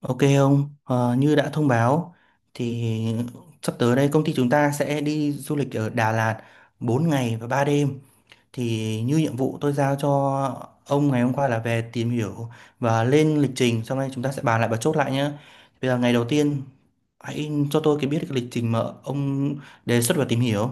Ok ông, như đã thông báo thì sắp tới đây công ty chúng ta sẽ đi du lịch ở Đà Lạt 4 ngày và 3 đêm. Thì như nhiệm vụ tôi giao cho ông ngày hôm qua là về tìm hiểu và lên lịch trình, sau đây chúng ta sẽ bàn lại và chốt lại nhé. Bây giờ ngày đầu tiên hãy cho tôi biết cái lịch trình mà ông đề xuất và tìm hiểu.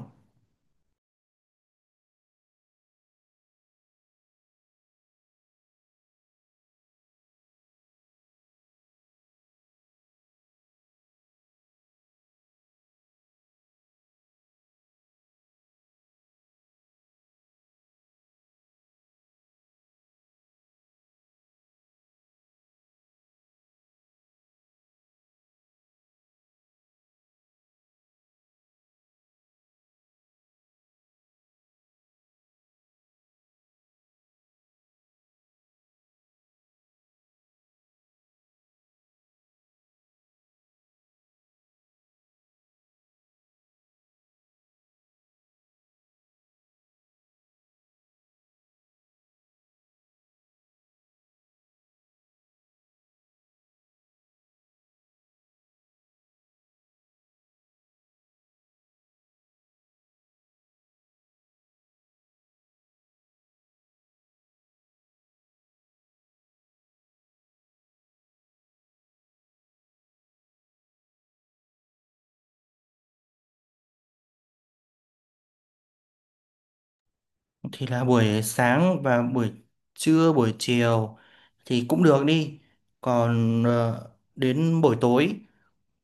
Thì là buổi sáng và buổi trưa, buổi chiều thì cũng được đi. Còn đến buổi tối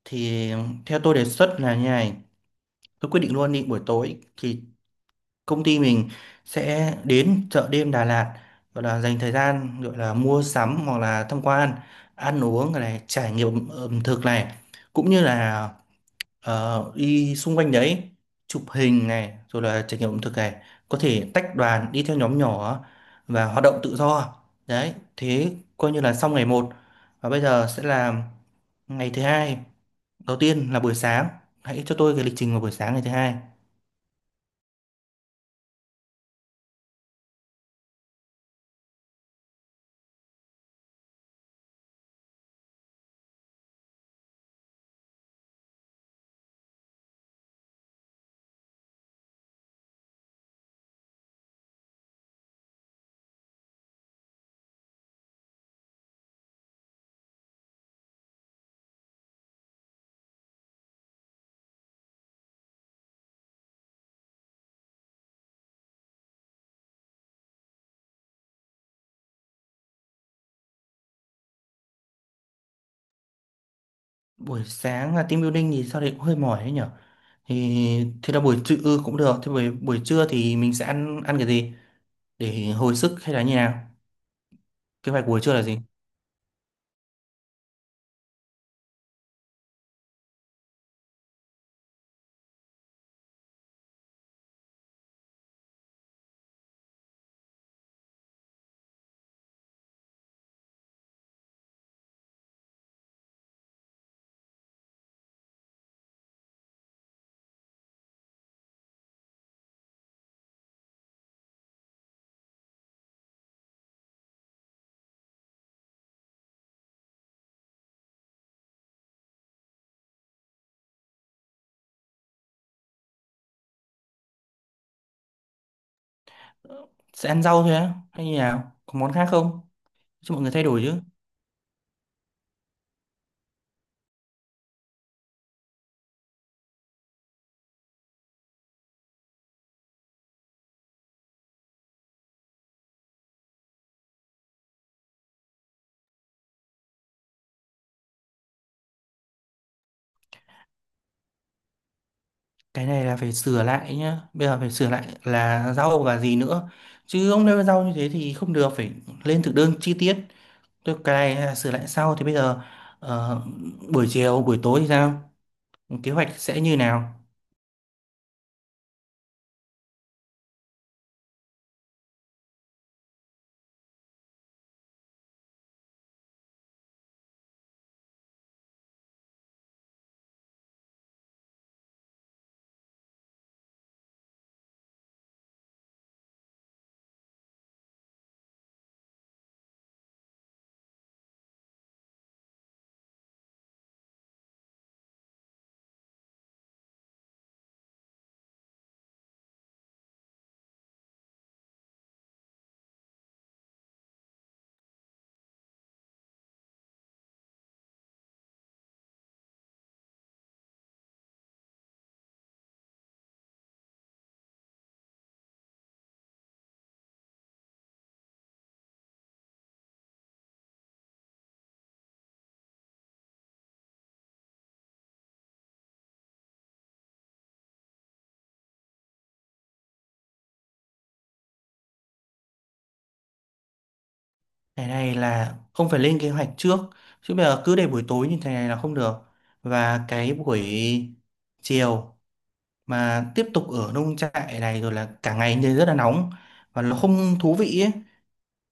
thì theo tôi đề xuất là như này, tôi quyết định luôn, đi buổi tối thì công ty mình sẽ đến chợ đêm Đà Lạt, gọi là dành thời gian, gọi là mua sắm hoặc là tham quan, ăn uống này, trải nghiệm ẩm thực này, cũng như là đi xung quanh đấy, chụp hình này rồi là trải nghiệm ẩm thực này, có thể tách đoàn đi theo nhóm nhỏ và hoạt động tự do. Đấy, thế coi như là xong ngày một. Và bây giờ sẽ là ngày thứ hai. Đầu tiên là buổi sáng, hãy cho tôi cái lịch trình vào buổi sáng ngày thứ hai. Buổi sáng là team building thì sao đấy cũng hơi mỏi đấy nhở. Thì thế là buổi trưa ừ, cũng được. Thế buổi buổi trưa thì mình sẽ ăn ăn cái gì để hồi sức hay là như nào? Kế hoạch của buổi trưa là gì? Sẽ ăn rau thôi á hay như nào? Có món khác không? Cho mọi người thay đổi chứ. Cái này là phải sửa lại nhá. Bây giờ phải sửa lại là rau và gì nữa. Chứ ông nêu rau như thế thì không được, phải lên thực đơn chi tiết. Tức cái này hay sửa lại sau, thì bây giờ ờ, buổi chiều buổi tối thì sao, kế hoạch sẽ như nào? Cái này là không phải lên kế hoạch trước, chứ bây giờ cứ để buổi tối như thế này là không được. Và cái buổi chiều mà tiếp tục ở nông trại này rồi là cả ngày nên rất là nóng và nó không thú vị ấy.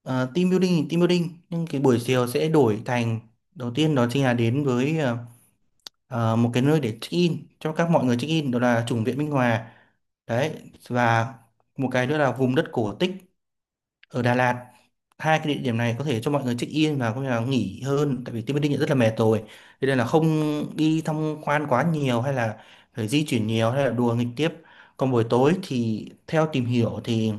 Team building thì team building, nhưng cái buổi chiều sẽ đổi thành, đầu tiên đó chính là đến với một cái nơi để check in, cho các mọi người check in, đó là chủng viện Minh Hòa. Đấy, và một cái nữa là vùng đất cổ tích ở Đà Lạt. Hai cái địa điểm này có thể cho mọi người check in và có thể là nghỉ hơn, tại vì Tiên Bất Định rất là mệt rồi, thế nên là không đi tham quan quá nhiều hay là phải di chuyển nhiều hay là đùa nghịch tiếp. Còn buổi tối thì theo tìm hiểu thì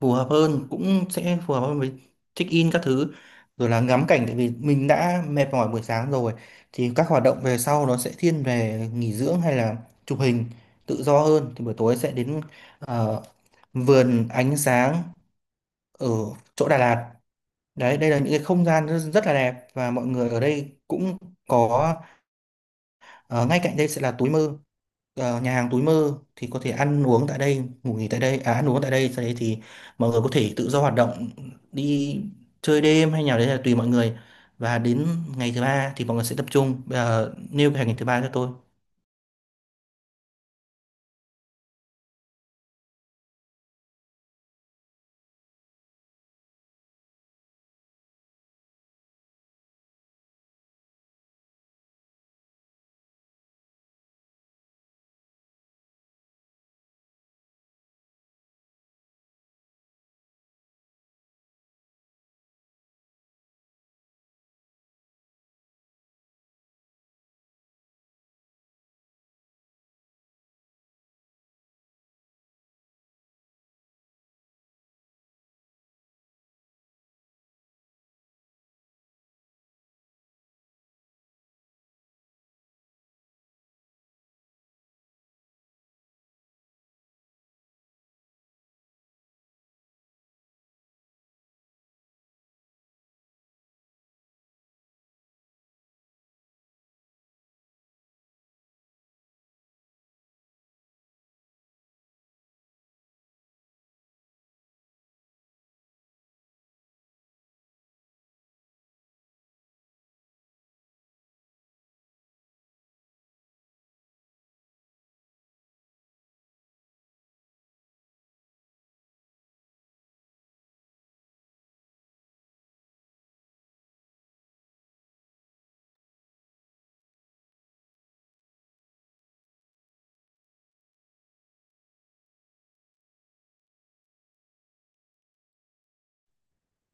phù hợp hơn, cũng sẽ phù hợp hơn với check in các thứ rồi là ngắm cảnh, tại vì mình đã mệt mỏi buổi sáng rồi thì các hoạt động về sau nó sẽ thiên về nghỉ dưỡng hay là chụp hình tự do hơn. Thì buổi tối sẽ đến ờ, vườn ánh sáng ở chỗ Đà Lạt. Đấy, đây là những cái không gian rất, rất là đẹp và mọi người ở đây cũng có. Ờ, Ngay cạnh đây sẽ là túi mơ. Nhà hàng túi mơ thì có thể ăn uống tại đây, ngủ nghỉ tại đây, à, ăn uống tại đây, sau đấy thì mọi người có thể tự do hoạt động, đi chơi đêm hay nào đấy là tùy mọi người. Và đến ngày thứ ba thì mọi người sẽ tập trung. Bây giờ nêu cái ngày thứ ba cho tôi.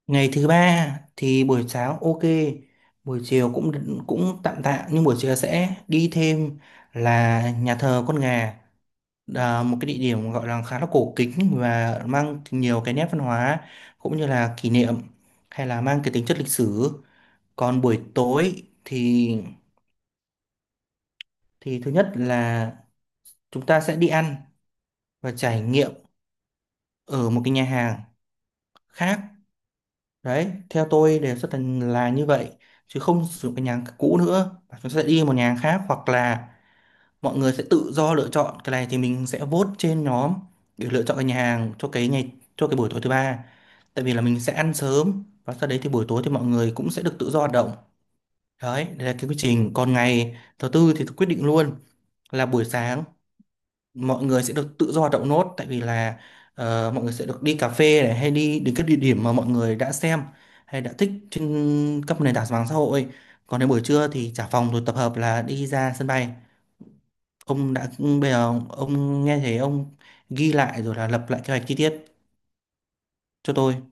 Ngày thứ ba thì buổi sáng ok, buổi chiều cũng cũng tạm tạm, nhưng buổi chiều sẽ đi thêm là nhà thờ con gà, à, một cái địa điểm gọi là khá là cổ kính và mang nhiều cái nét văn hóa cũng như là kỷ niệm hay là mang cái tính chất lịch sử. Còn buổi tối thì thứ nhất là chúng ta sẽ đi ăn và trải nghiệm ở một cái nhà hàng khác. Đấy, theo tôi đề xuất là như vậy, chứ không sử dụng cái nhà hàng cũ nữa. Chúng ta sẽ đi một nhà hàng khác hoặc là mọi người sẽ tự do lựa chọn, cái này thì mình sẽ vote trên nhóm để lựa chọn cái nhà hàng cho cái ngày, cho cái buổi tối thứ ba, tại vì là mình sẽ ăn sớm và sau đấy thì buổi tối thì mọi người cũng sẽ được tự do hoạt động. Đấy, đây là cái quy trình. Còn ngày thứ tư thì quyết định luôn là buổi sáng mọi người sẽ được tự do hoạt động nốt, tại vì là mọi người sẽ được đi cà phê này hay đi đến các địa điểm mà mọi người đã xem hay đã thích trên các nền tảng mạng xã hội. Còn đến buổi trưa thì trả phòng rồi tập hợp là đi ra sân bay. Ông đã, bây giờ ông nghe thấy, ông ghi lại rồi là lập lại kế hoạch chi tiết cho tôi.